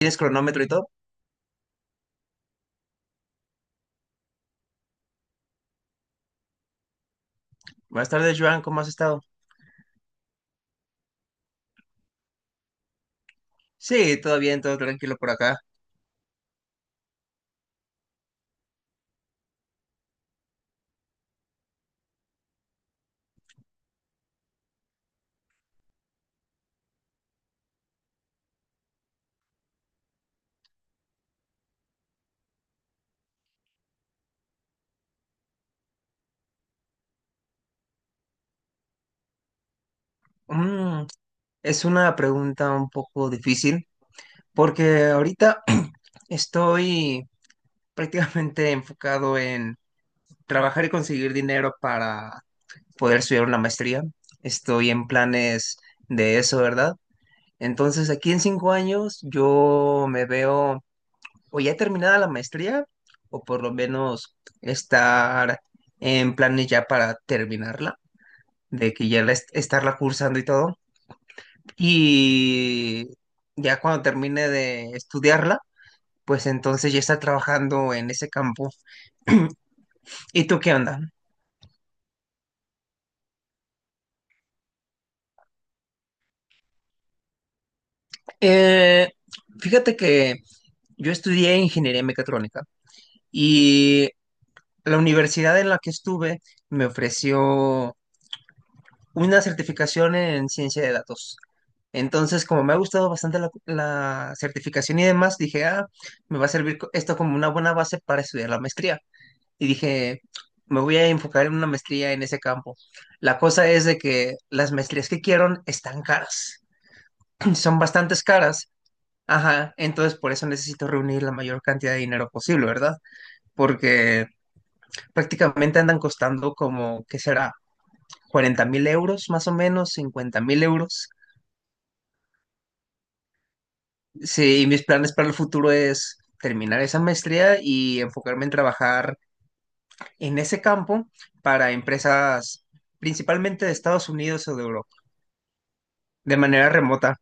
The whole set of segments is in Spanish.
¿Tienes cronómetro y todo? Buenas tardes, Joan, ¿cómo has estado? Sí, todo bien, todo tranquilo por acá. Mm, es una pregunta un poco difícil porque ahorita estoy prácticamente enfocado en trabajar y conseguir dinero para poder estudiar una maestría. Estoy en planes de eso, ¿verdad? Entonces, aquí en 5 años yo me veo o ya terminada la maestría o por lo menos estar en planes ya para terminarla de que ya estarla cursando y todo. Y ya cuando termine de estudiarla, pues entonces ya está trabajando en ese campo. ¿Y tú qué onda? Eh, Fíjate que yo estudié ingeniería mecatrónica y la universidad en la que estuve me ofreció una certificación en ciencia de datos. Entonces, como me ha gustado bastante la certificación y demás, dije, ah, me va a servir esto como una buena base para estudiar la maestría. Y dije, me voy a enfocar en una maestría en ese campo. La cosa es de que las maestrías que quiero están caras, son bastantes caras. Ajá, entonces por eso necesito reunir la mayor cantidad de dinero posible, ¿verdad? Porque prácticamente andan costando como, ¿qué será? 40.000 euros, más o menos, 50.000 euros. Sí, y mis planes para el futuro es terminar esa maestría y enfocarme en trabajar en ese campo para empresas principalmente de Estados Unidos o de Europa, de manera remota.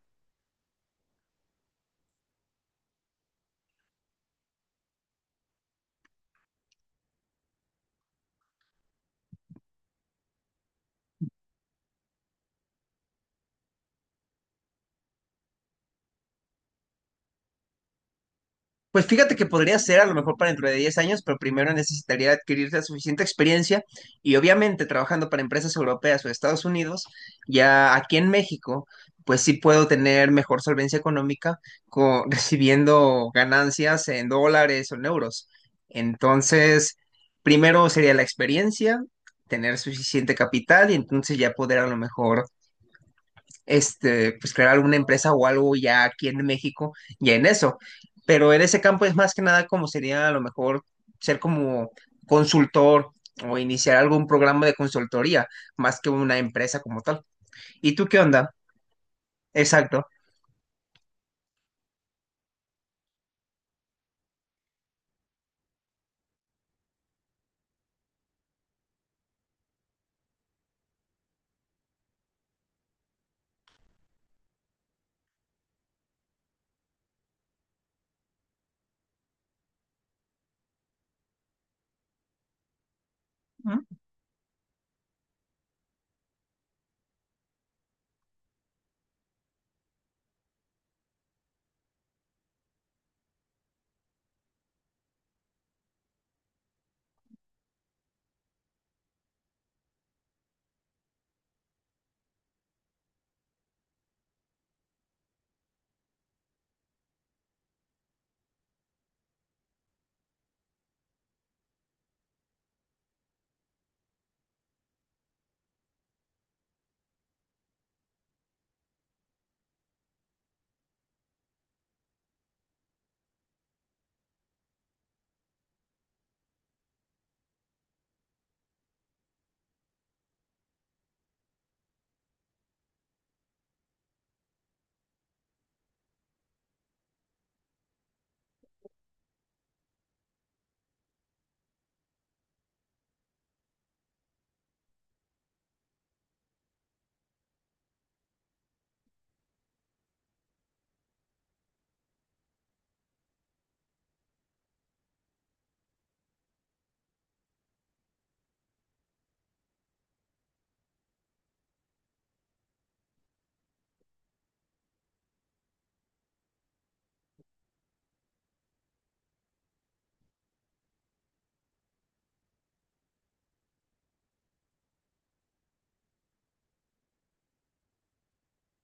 Pues fíjate que podría ser a lo mejor para dentro de 10 años, pero primero necesitaría adquirir la suficiente experiencia y obviamente trabajando para empresas europeas o Estados Unidos, ya aquí en México, pues sí puedo tener mejor solvencia económica recibiendo ganancias en dólares o en euros. Entonces, primero sería la experiencia, tener suficiente capital y entonces ya poder a lo mejor este, pues crear alguna empresa o algo ya aquí en México ya en eso. Pero en ese campo es más que nada como sería a lo mejor ser como consultor o iniciar algún programa de consultoría, más que una empresa como tal. ¿Y tú qué onda? Exacto. ¿Mm?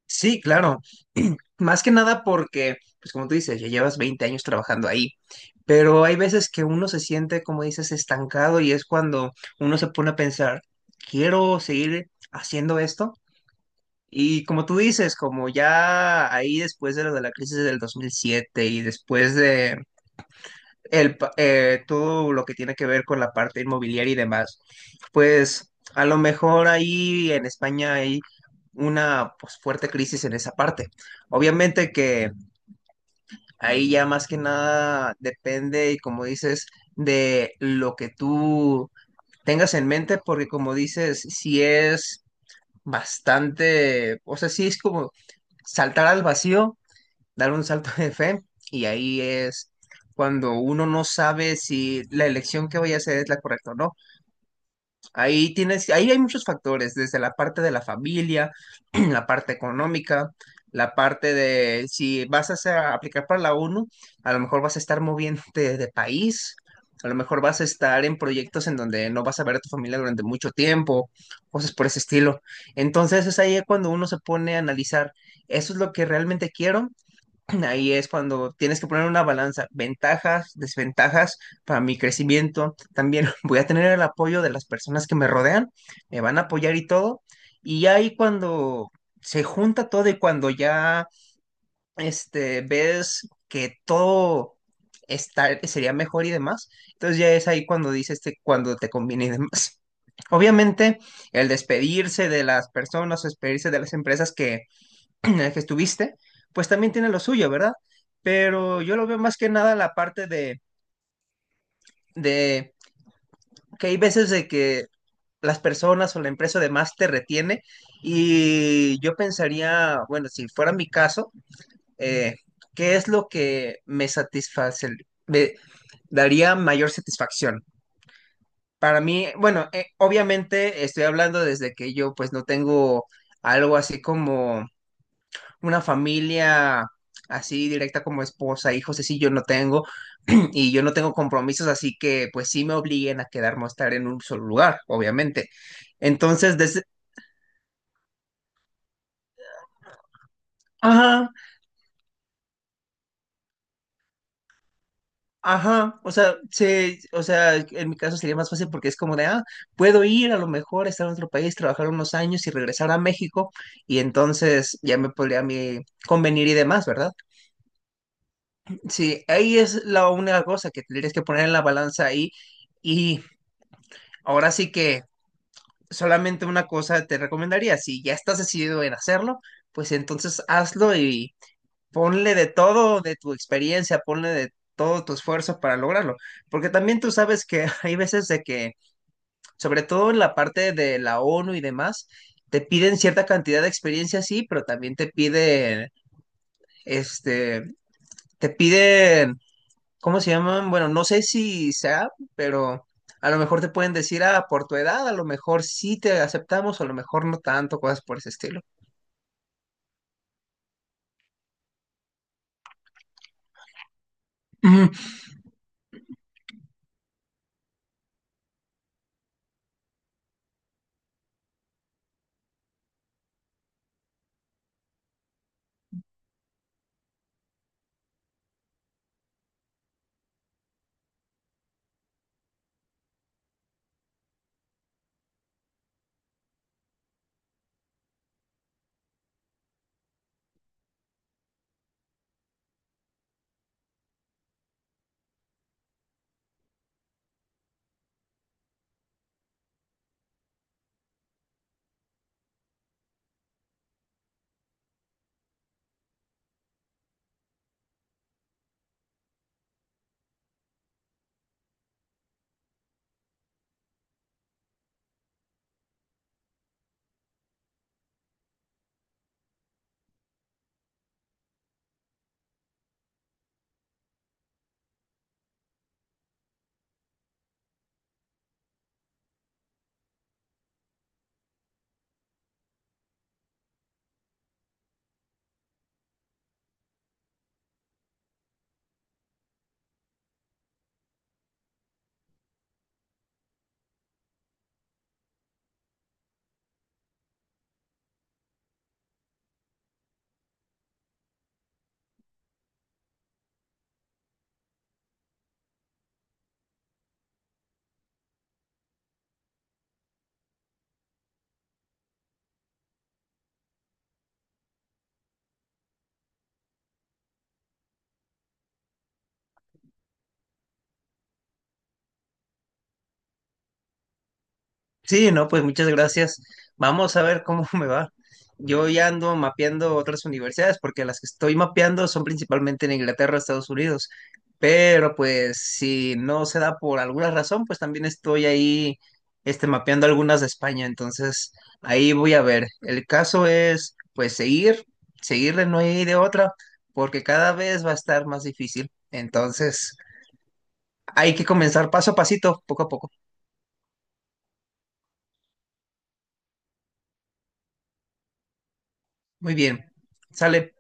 Sí, claro. Más que nada porque, pues como tú dices, ya llevas 20 años trabajando ahí, pero hay veces que uno se siente, como dices, estancado y es cuando uno se pone a pensar, ¿quiero seguir haciendo esto? Y como tú dices, como ya ahí después de lo de la crisis del 2007 y después de todo lo que tiene que ver con la parte inmobiliaria y demás, pues a lo mejor ahí en España hay una pues, fuerte crisis en esa parte. Obviamente que ahí ya más que nada depende, y como dices, de lo que tú tengas en mente, porque como dices, si es bastante, o sea, sí es como saltar al vacío, dar un salto de fe, y ahí es cuando uno no sabe si la elección que voy a hacer es la correcta o no. Ahí tienes, ahí hay muchos factores, desde la parte de la familia, la parte económica, la parte de si vas a a aplicar para la ONU, a lo mejor vas a estar moviéndote de país, a lo mejor vas a estar en proyectos en donde no vas a ver a tu familia durante mucho tiempo, cosas por ese estilo. Entonces es ahí cuando uno se pone a analizar, ¿eso es lo que realmente quiero? Ahí es cuando tienes que poner una balanza, ventajas, desventajas para mi crecimiento. También voy a tener el apoyo de las personas que me rodean, me van a apoyar y todo. Y ahí cuando se junta todo y cuando ya este, ves que todo está, sería mejor y demás, entonces ya es ahí cuando dices cuando te conviene y demás. Obviamente, el despedirse de las personas, despedirse de las empresas que en el que estuviste, pues también tiene lo suyo, ¿verdad? Pero yo lo veo más que nada la parte de que hay veces de que las personas o la empresa además te retiene y yo pensaría, bueno, si fuera mi caso, eh, ¿qué es lo que me satisface, me daría mayor satisfacción? Para mí, bueno, obviamente estoy hablando desde que yo pues no tengo algo así como una familia así directa como esposa, hijos, así yo no tengo, y yo no tengo compromisos, así que pues sí me obliguen a quedarme a estar en un solo lugar, obviamente. Entonces, desde. Ajá, ajá, o sea, o sea, en mi caso sería más fácil porque es como de, ah, puedo ir a lo mejor, estar en otro país, trabajar unos años y regresar a México, y entonces ya me podría a mí convenir y demás, ¿verdad? Sí, ahí es la única cosa que tendrías que poner en la balanza ahí, y ahora sí que solamente una cosa te recomendaría, si ya estás decidido en hacerlo, pues entonces hazlo y ponle de todo de tu experiencia, ponle de todo tu esfuerzo para lograrlo, porque también tú sabes que hay veces de que, sobre todo en la parte de la ONU y demás, te piden cierta cantidad de experiencia, sí, pero también este, te piden ¿cómo se llaman? Bueno, no sé si sea, pero a lo mejor te pueden decir, ah, por tu edad, a lo mejor sí te aceptamos, o a lo mejor no tanto, cosas por ese estilo. Sí, no, pues muchas gracias. Vamos a ver cómo me va. Yo ya ando mapeando otras universidades porque las que estoy mapeando son principalmente en Inglaterra, Estados Unidos. Pero pues si no se da por alguna razón, pues también estoy ahí este, mapeando algunas de España. Entonces ahí voy a ver. El caso es pues seguir, seguirle, no hay de otra, porque cada vez va a estar más difícil. Entonces hay que comenzar paso a pasito, poco a poco. Muy bien. Sale.